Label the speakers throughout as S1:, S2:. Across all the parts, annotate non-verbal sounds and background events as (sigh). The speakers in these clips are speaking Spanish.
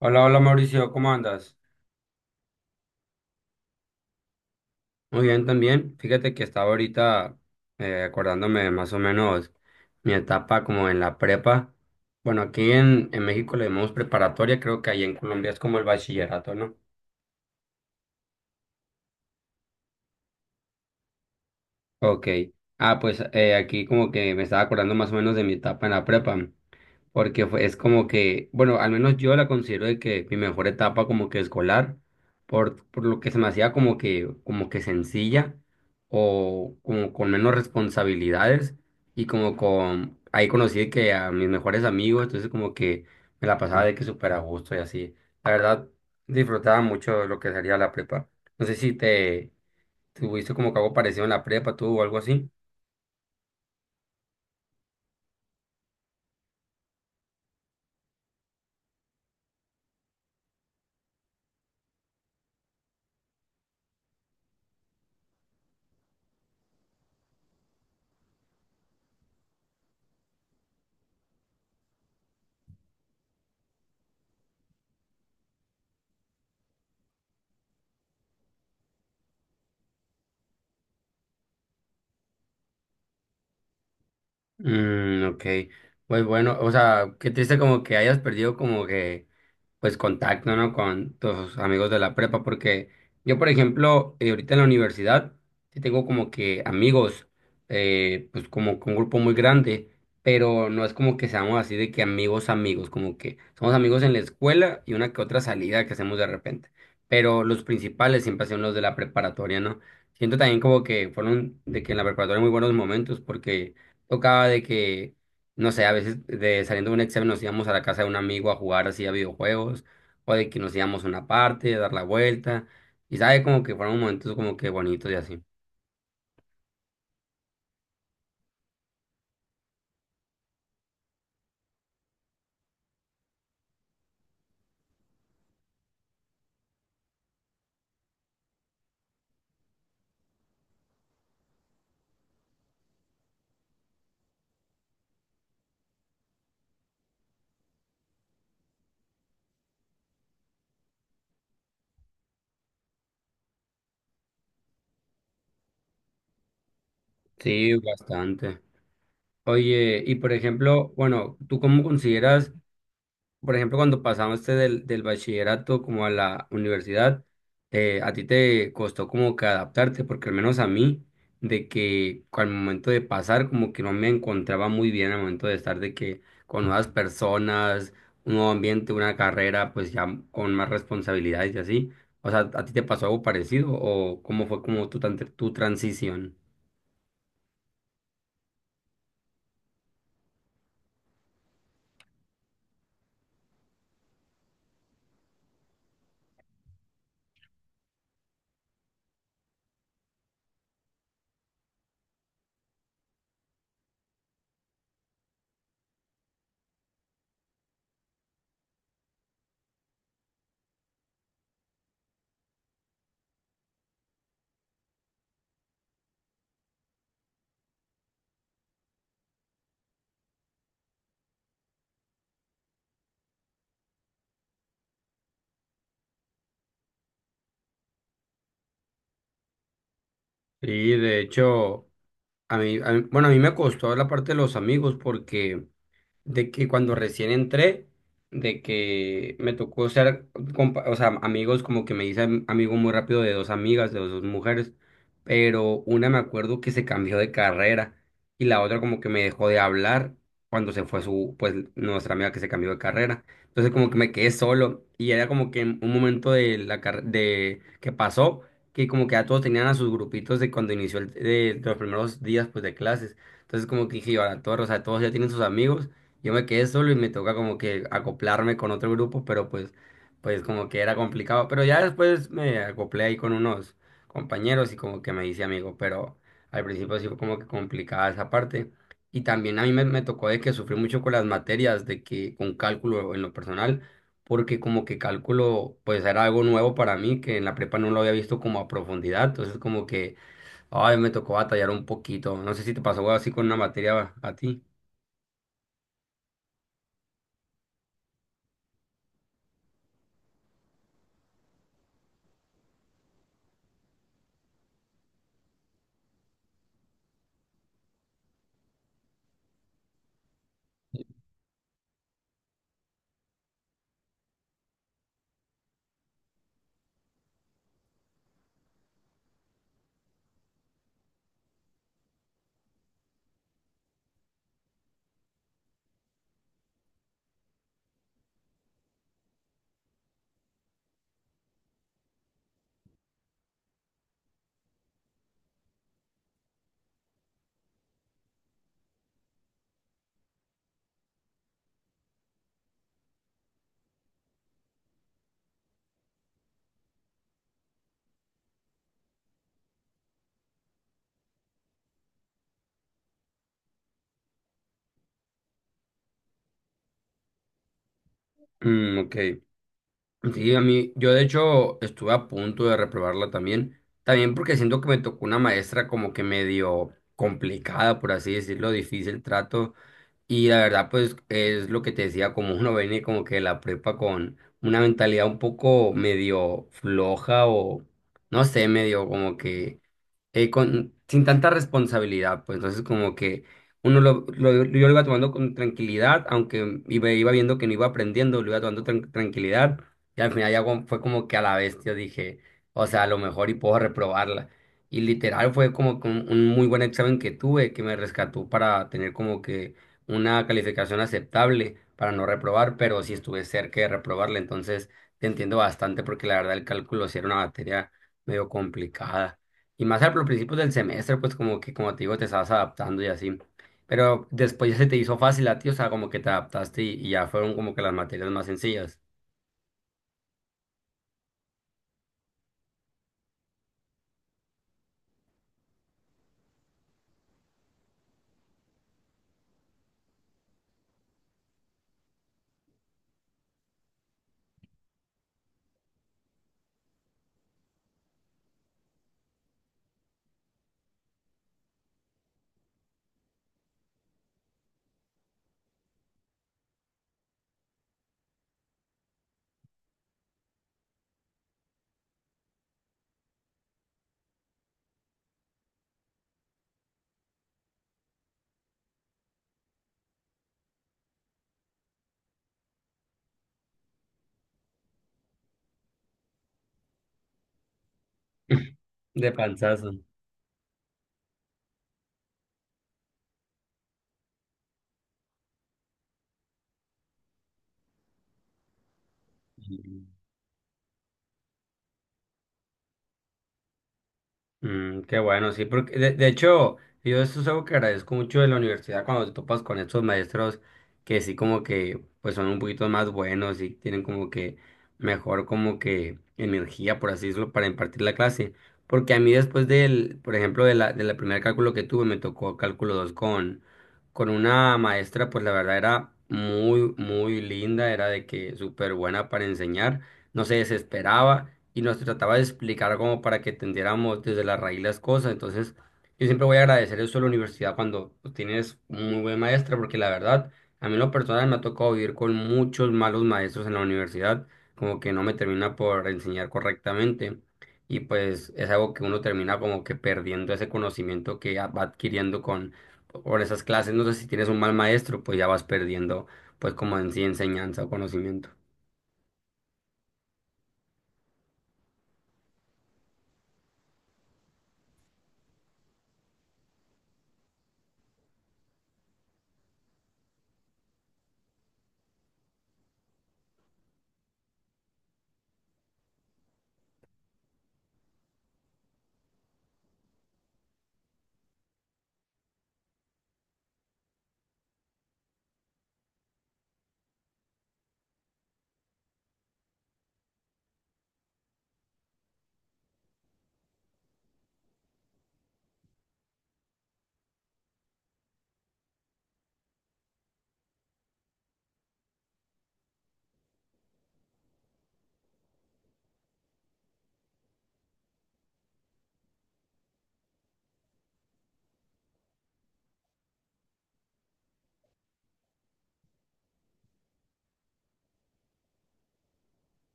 S1: Hola, hola Mauricio, ¿cómo andas? Muy bien también. Fíjate que estaba ahorita acordándome de más o menos mi etapa como en la prepa. Bueno, aquí en México le llamamos preparatoria, creo que ahí en Colombia es como el bachillerato, ¿no? Ok. Pues aquí como que me estaba acordando más o menos de mi etapa en la prepa. Porque es como que, bueno, al menos yo la considero de que mi mejor etapa como que escolar, por lo que se me hacía como que sencilla o como con menos responsabilidades y como con, ahí conocí que a mis mejores amigos, entonces como que me la pasaba de que súper a gusto y así. La verdad, disfrutaba mucho lo que sería la prepa. No sé si te tuviste como que algo parecido en la prepa tú o algo así. Mm, ok. Pues bueno, o sea, qué triste como que hayas perdido como que pues contacto, ¿no? Con tus amigos de la prepa, porque yo, por ejemplo, ahorita en la universidad, sí tengo como que amigos, pues como con un grupo muy grande, pero no es como que seamos así de que amigos, amigos, como que somos amigos en la escuela y una que otra salida que hacemos de repente, pero los principales siempre son los de la preparatoria, ¿no? Siento también como que fueron de que en la preparatoria muy buenos momentos, porque tocaba de que no sé, a veces de saliendo de un examen nos íbamos a la casa de un amigo a jugar así a videojuegos, o de que nos íbamos a una parte, a dar la vuelta, y sabe como que fueron momentos como que bonitos y así. Sí, bastante. Oye, y por ejemplo, bueno, ¿tú cómo consideras? Por ejemplo, cuando pasaste del bachillerato como a la universidad, a ti te costó como que adaptarte, porque al menos a mí, de que al momento de pasar, como que no me encontraba muy bien al momento de estar de que con nuevas personas, un nuevo ambiente, una carrera, pues ya con más responsabilidades y así. O sea, ¿a ti te pasó algo parecido o cómo fue como tu transición? Sí, de hecho, bueno, a mí me costó la parte de los amigos porque… de que cuando recién entré, de que me tocó ser, o sea, amigos, como que me hice amigo muy rápido de dos amigas, de dos mujeres, pero una me acuerdo que se cambió de carrera y la otra como que me dejó de hablar cuando se fue su, pues, nuestra amiga que se cambió de carrera. Entonces como que me quedé solo y era como que un momento de la de que pasó, que como que ya todos tenían a sus grupitos de cuando inició el, de los primeros días pues de clases. Entonces como que dije, yo, ahora todos, o sea, todos ya tienen sus amigos, yo me quedé solo y me toca como que acoplarme con otro grupo, pues como que era complicado. Pero ya después me acoplé ahí con unos compañeros y como que me hice amigo, pero al principio sí fue como que complicada esa parte. Y también a mí me tocó de que sufrí mucho con las materias, de que con cálculo en lo personal, porque como que cálculo pues era algo nuevo para mí, que en la prepa no lo había visto como a profundidad. Entonces como que, ay, me tocó batallar un poquito. No sé si te pasó algo así con una materia a ti. Mm, ok. Sí, yo de hecho estuve a punto de reprobarla también, también porque siento que me tocó una maestra como que medio complicada, por así decirlo, difícil trato, y la verdad pues es lo que te decía, como uno viene como que de la prepa con una mentalidad un poco medio floja o no sé, medio como que sin tanta responsabilidad, pues entonces como que uno yo lo iba tomando con tranquilidad, aunque iba viendo que no iba aprendiendo, lo iba tomando tranquilidad, y al final ya fue como que a la bestia dije, o sea, a lo mejor y puedo reprobarla. Y literal fue como que un muy buen examen que tuve, que me rescató para tener como que una calificación aceptable para no reprobar, pero sí estuve cerca de reprobarla, entonces te entiendo bastante porque la verdad el cálculo sí era una materia medio complicada. Y más al los principios del semestre, pues como que, como te digo, te estabas adaptando y así. Pero después ya se te hizo fácil a ti, o sea, como que te adaptaste y ya fueron como que las materias más sencillas. (laughs) De panzazo. Mm, qué bueno, sí, porque de hecho, yo eso es algo que agradezco mucho de la universidad cuando te topas con estos maestros que sí como que pues son un poquito más buenos y tienen como que mejor como que energía, por así decirlo, para impartir la clase. Porque a mí después del, por ejemplo, de la primer cálculo que tuve, me tocó cálculo 2 con una maestra, pues la verdad era muy linda, era de que súper buena para enseñar, no se desesperaba y nos trataba de explicar como para que entendiéramos desde la raíz las cosas. Entonces, yo siempre voy a agradecer eso a la universidad cuando tienes un muy buen maestro, porque la verdad, a mí en lo personal me ha tocado vivir con muchos malos maestros en la universidad, como que no me termina por enseñar correctamente. Y pues es algo que uno termina como que perdiendo ese conocimiento que ya va adquiriendo con por esas clases. No sé si tienes un mal maestro, pues ya vas perdiendo pues como en sí enseñanza o conocimiento.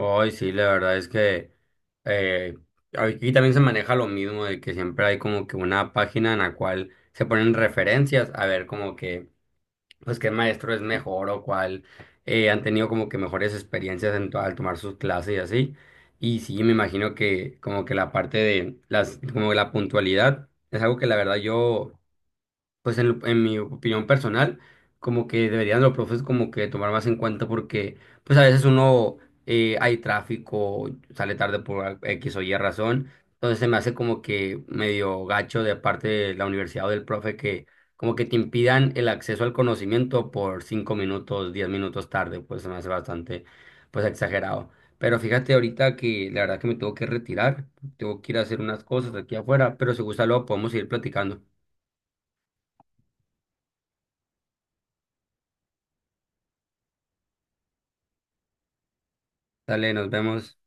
S1: Hoy sí, la verdad es que eh, aquí también se maneja lo mismo de que siempre hay como que una página en la cual se ponen referencias a ver como que pues qué maestro es mejor o cuál han tenido como que mejores experiencias en al tomar sus clases y así. Y sí, me imagino que como que la parte de las como la puntualidad es algo que la verdad yo pues en mi opinión personal, como que deberían los profes como que tomar más en cuenta porque pues a veces uno hay tráfico, sale tarde por X o Y razón, entonces se me hace como que medio gacho de parte de la universidad o del profe que como que te impidan el acceso al conocimiento por 5 minutos, 10 minutos tarde, pues se me hace bastante pues exagerado. Pero fíjate ahorita que la verdad que me tengo que retirar, tengo que ir a hacer unas cosas aquí afuera, pero si gusta luego podemos seguir platicando. Dale, nos vemos.